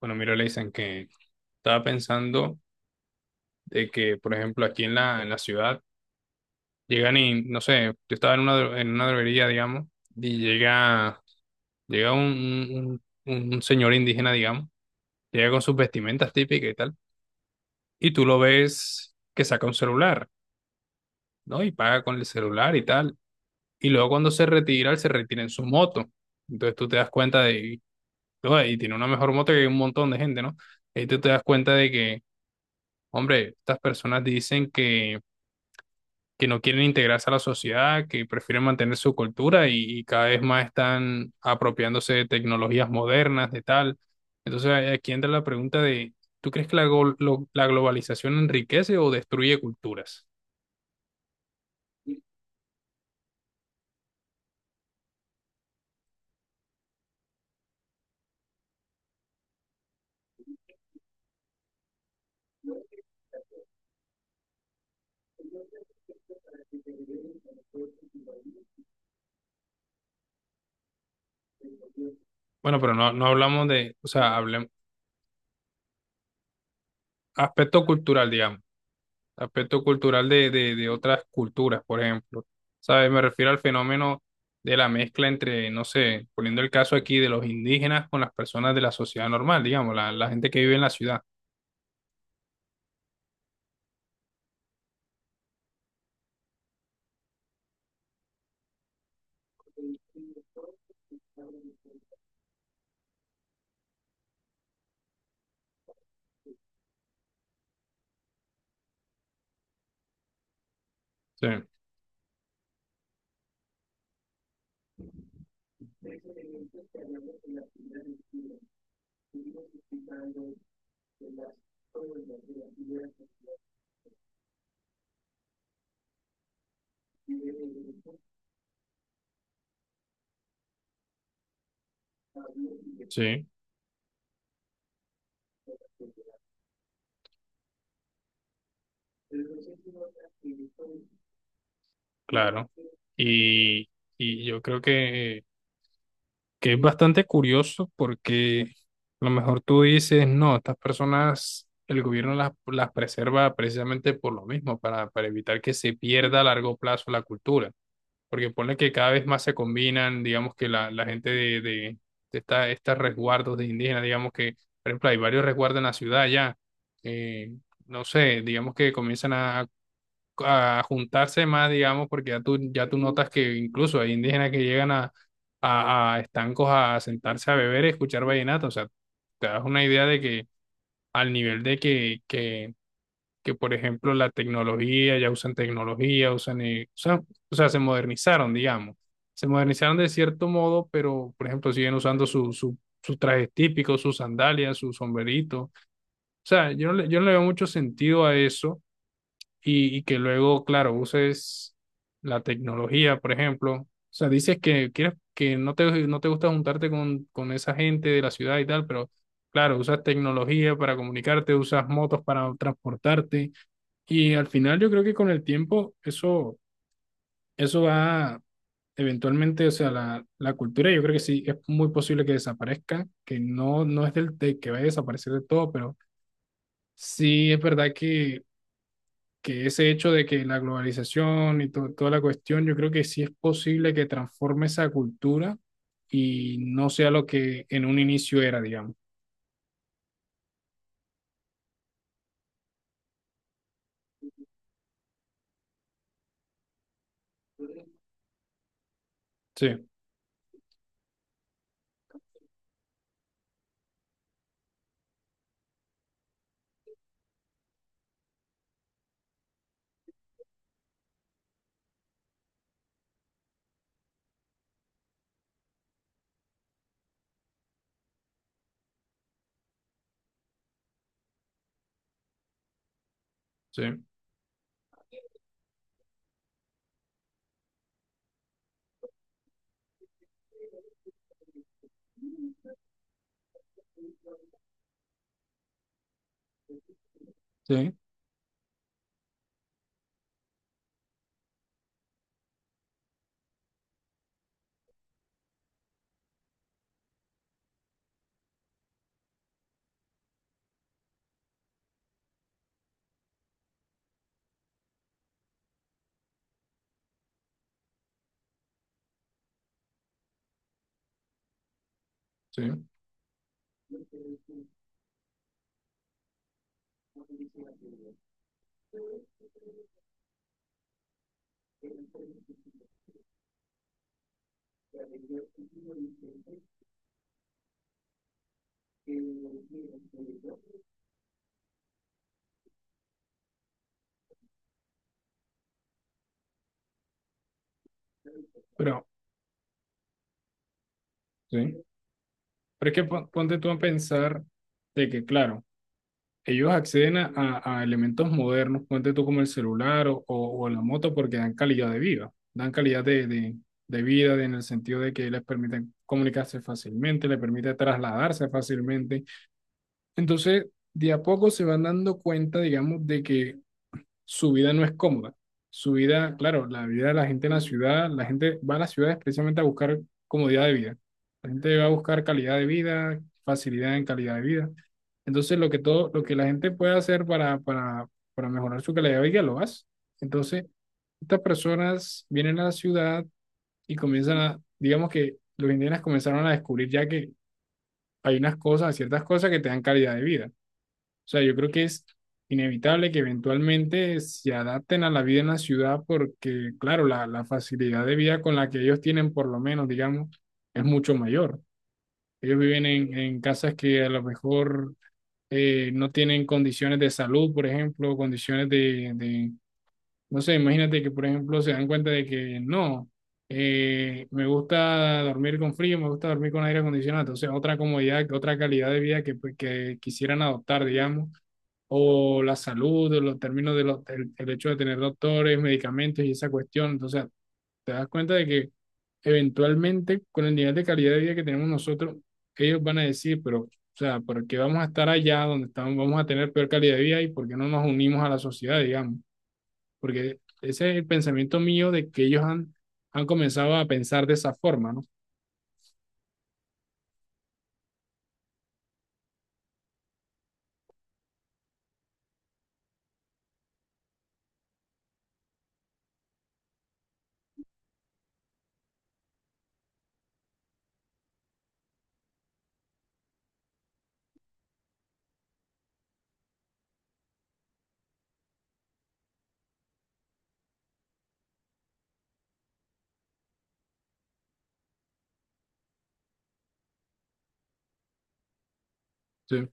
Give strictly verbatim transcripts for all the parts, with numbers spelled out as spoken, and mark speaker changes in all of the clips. Speaker 1: Bueno, mira, le dicen que estaba pensando de que, por ejemplo, aquí en la, en la ciudad llegan y, no sé, yo estaba en una, dro- en una droguería, digamos, y llega, llega un, un- un- un señor indígena, digamos, llega con sus vestimentas típicas y tal, y tú lo ves que saca un celular, ¿no? Y paga con el celular y tal, y luego cuando se retira, él se retira en su moto. Entonces tú te das cuenta de, "Oye, y tiene una mejor moto que un montón de gente, ¿no?". Y tú te das cuenta de que, hombre, estas personas dicen que que no quieren integrarse a la sociedad, que prefieren mantener su cultura y, y cada vez más están apropiándose de tecnologías modernas, de tal. Entonces a- aquí entra la pregunta de, ¿tú crees que la, gol- lo- la globalización enriquece o destruye culturas? Bueno, pero no, no hablamos de, o sea, hablemos aspecto cultural, digamos. Aspecto cultural de, de, de otras culturas, por ejemplo. ¿Sabes? Me refiero al fenómeno de la mezcla entre, no sé, poniendo el caso aquí de los indígenas con las personas de la sociedad normal, digamos, la, la gente que vive en la ciudad. Sí, sí, claro. Y, y yo creo que que es bastante curioso porque a lo mejor tú dices, no, estas personas, el gobierno las, las preserva precisamente por lo mismo, para, para evitar que se pierda a largo plazo la cultura, porque ponle que cada vez más se combinan, digamos que la, la gente de, de, de esta, estos resguardos de indígenas, digamos que, por ejemplo, hay varios resguardos en la ciudad ya, eh, no sé, digamos que comienzan a a juntarse más, digamos, porque ya tú, ya tú notas que incluso hay indígenas que llegan a, a, a estancos a sentarse a beber y escuchar vallenato. O sea, te das una idea de que al nivel de que, que, que, por ejemplo, la tecnología, ya usan tecnología, usan, eh, usan- o sea, se modernizaron, digamos. Se modernizaron de cierto modo, pero, por ejemplo, siguen usando su, su, sus trajes típicos, sus sandalias, sus sombreritos. O sea, yo no le, yo no le veo mucho sentido a eso y, y que luego, claro, uses la tecnología, por ejemplo. O sea, dices que quieres que no te, no te gusta juntarte con, con esa gente de la ciudad y tal, pero claro, usas tecnología para comunicarte, usas motos para transportarte y al final yo creo que con el tiempo eso, eso va eventualmente, o sea, la, la cultura yo creo que sí es muy posible que desaparezca, que no, no es del, de que vaya a desaparecer de todo, pero sí es verdad que que ese hecho de que la globalización y to- toda la cuestión, yo creo que sí es posible que transforme esa cultura y no sea lo que en un inicio era, digamos. Sí, sí, sí, sí, pero sí. Pero es que pon- ponte tú a pensar de que, claro, ellos acceden a, a- a elementos modernos, ponte tú como el celular o, o- o la moto porque dan calidad de vida, dan calidad de, de, de vida de- en el sentido de que les permiten comunicarse fácilmente, les permite trasladarse fácilmente. Entonces, de a poco se van dando cuenta, digamos, de que su vida no es cómoda. Su vida, claro, la vida de la gente en la ciudad, la gente va a las ciudades precisamente a buscar comodidad de vida. La gente va a buscar calidad de vida, facilidad en calidad de vida. Entonces, lo que todo, lo que la gente puede hacer para, para, para mejorar su calidad de vida, lo hace. Entonces, estas personas vienen a la ciudad y comienzan a, digamos que los indígenas comenzaron a descubrir ya que hay unas cosas, ciertas cosas que te dan calidad de vida. O sea, yo creo que es inevitable que eventualmente se adapten a la vida en la ciudad porque, claro, la, la facilidad de vida con la que ellos tienen, por lo menos, digamos, es mucho mayor. Ellos viven en, en casas que a lo mejor eh, no tienen condiciones de salud, por ejemplo, condiciones de, de, no sé, imagínate que, por ejemplo, se dan cuenta de que no, eh, me gusta dormir con frío, me gusta dormir con aire acondicionado. Entonces, otra comodidad, otra calidad de vida que, pues, que quisieran adoptar, digamos. O la salud, de los términos de los, el, el hecho de tener doctores, medicamentos y esa cuestión. Entonces, te das cuenta de que eventualmente con el nivel de calidad de vida que tenemos nosotros, ellos van a decir, pero, o sea, ¿por qué vamos a estar allá donde estamos, vamos a tener peor calidad de vida y por qué no nos unimos a la sociedad, digamos? Porque ese es el pensamiento mío de que ellos han, han comenzado a pensar de esa forma, ¿no? Sí,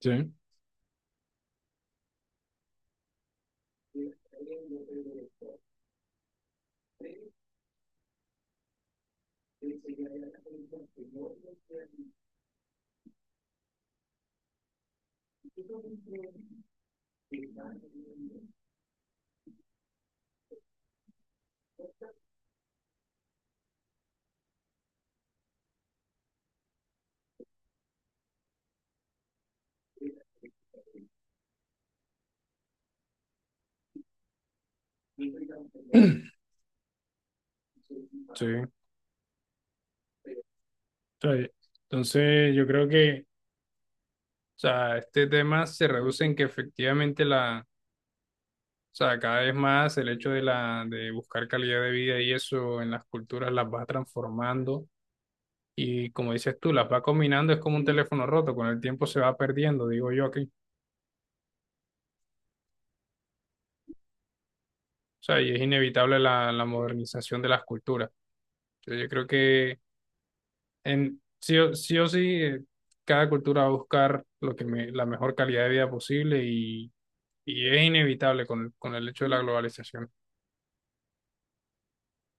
Speaker 1: sí, sí. O entonces, yo creo que, o sea, este tema se reduce en que efectivamente la... O sea, cada vez más el hecho de, la, de buscar calidad de vida y eso en las culturas las va transformando y como dices tú, las va combinando, es como un teléfono roto, con el tiempo se va perdiendo, digo yo aquí. O sea, y es inevitable la, la modernización de las culturas. Entonces, yo creo que en, sí, o sí, o sí, eh, cada cultura va a buscar lo que me- la mejor calidad de vida posible y, y es inevitable con, con el hecho de la globalización.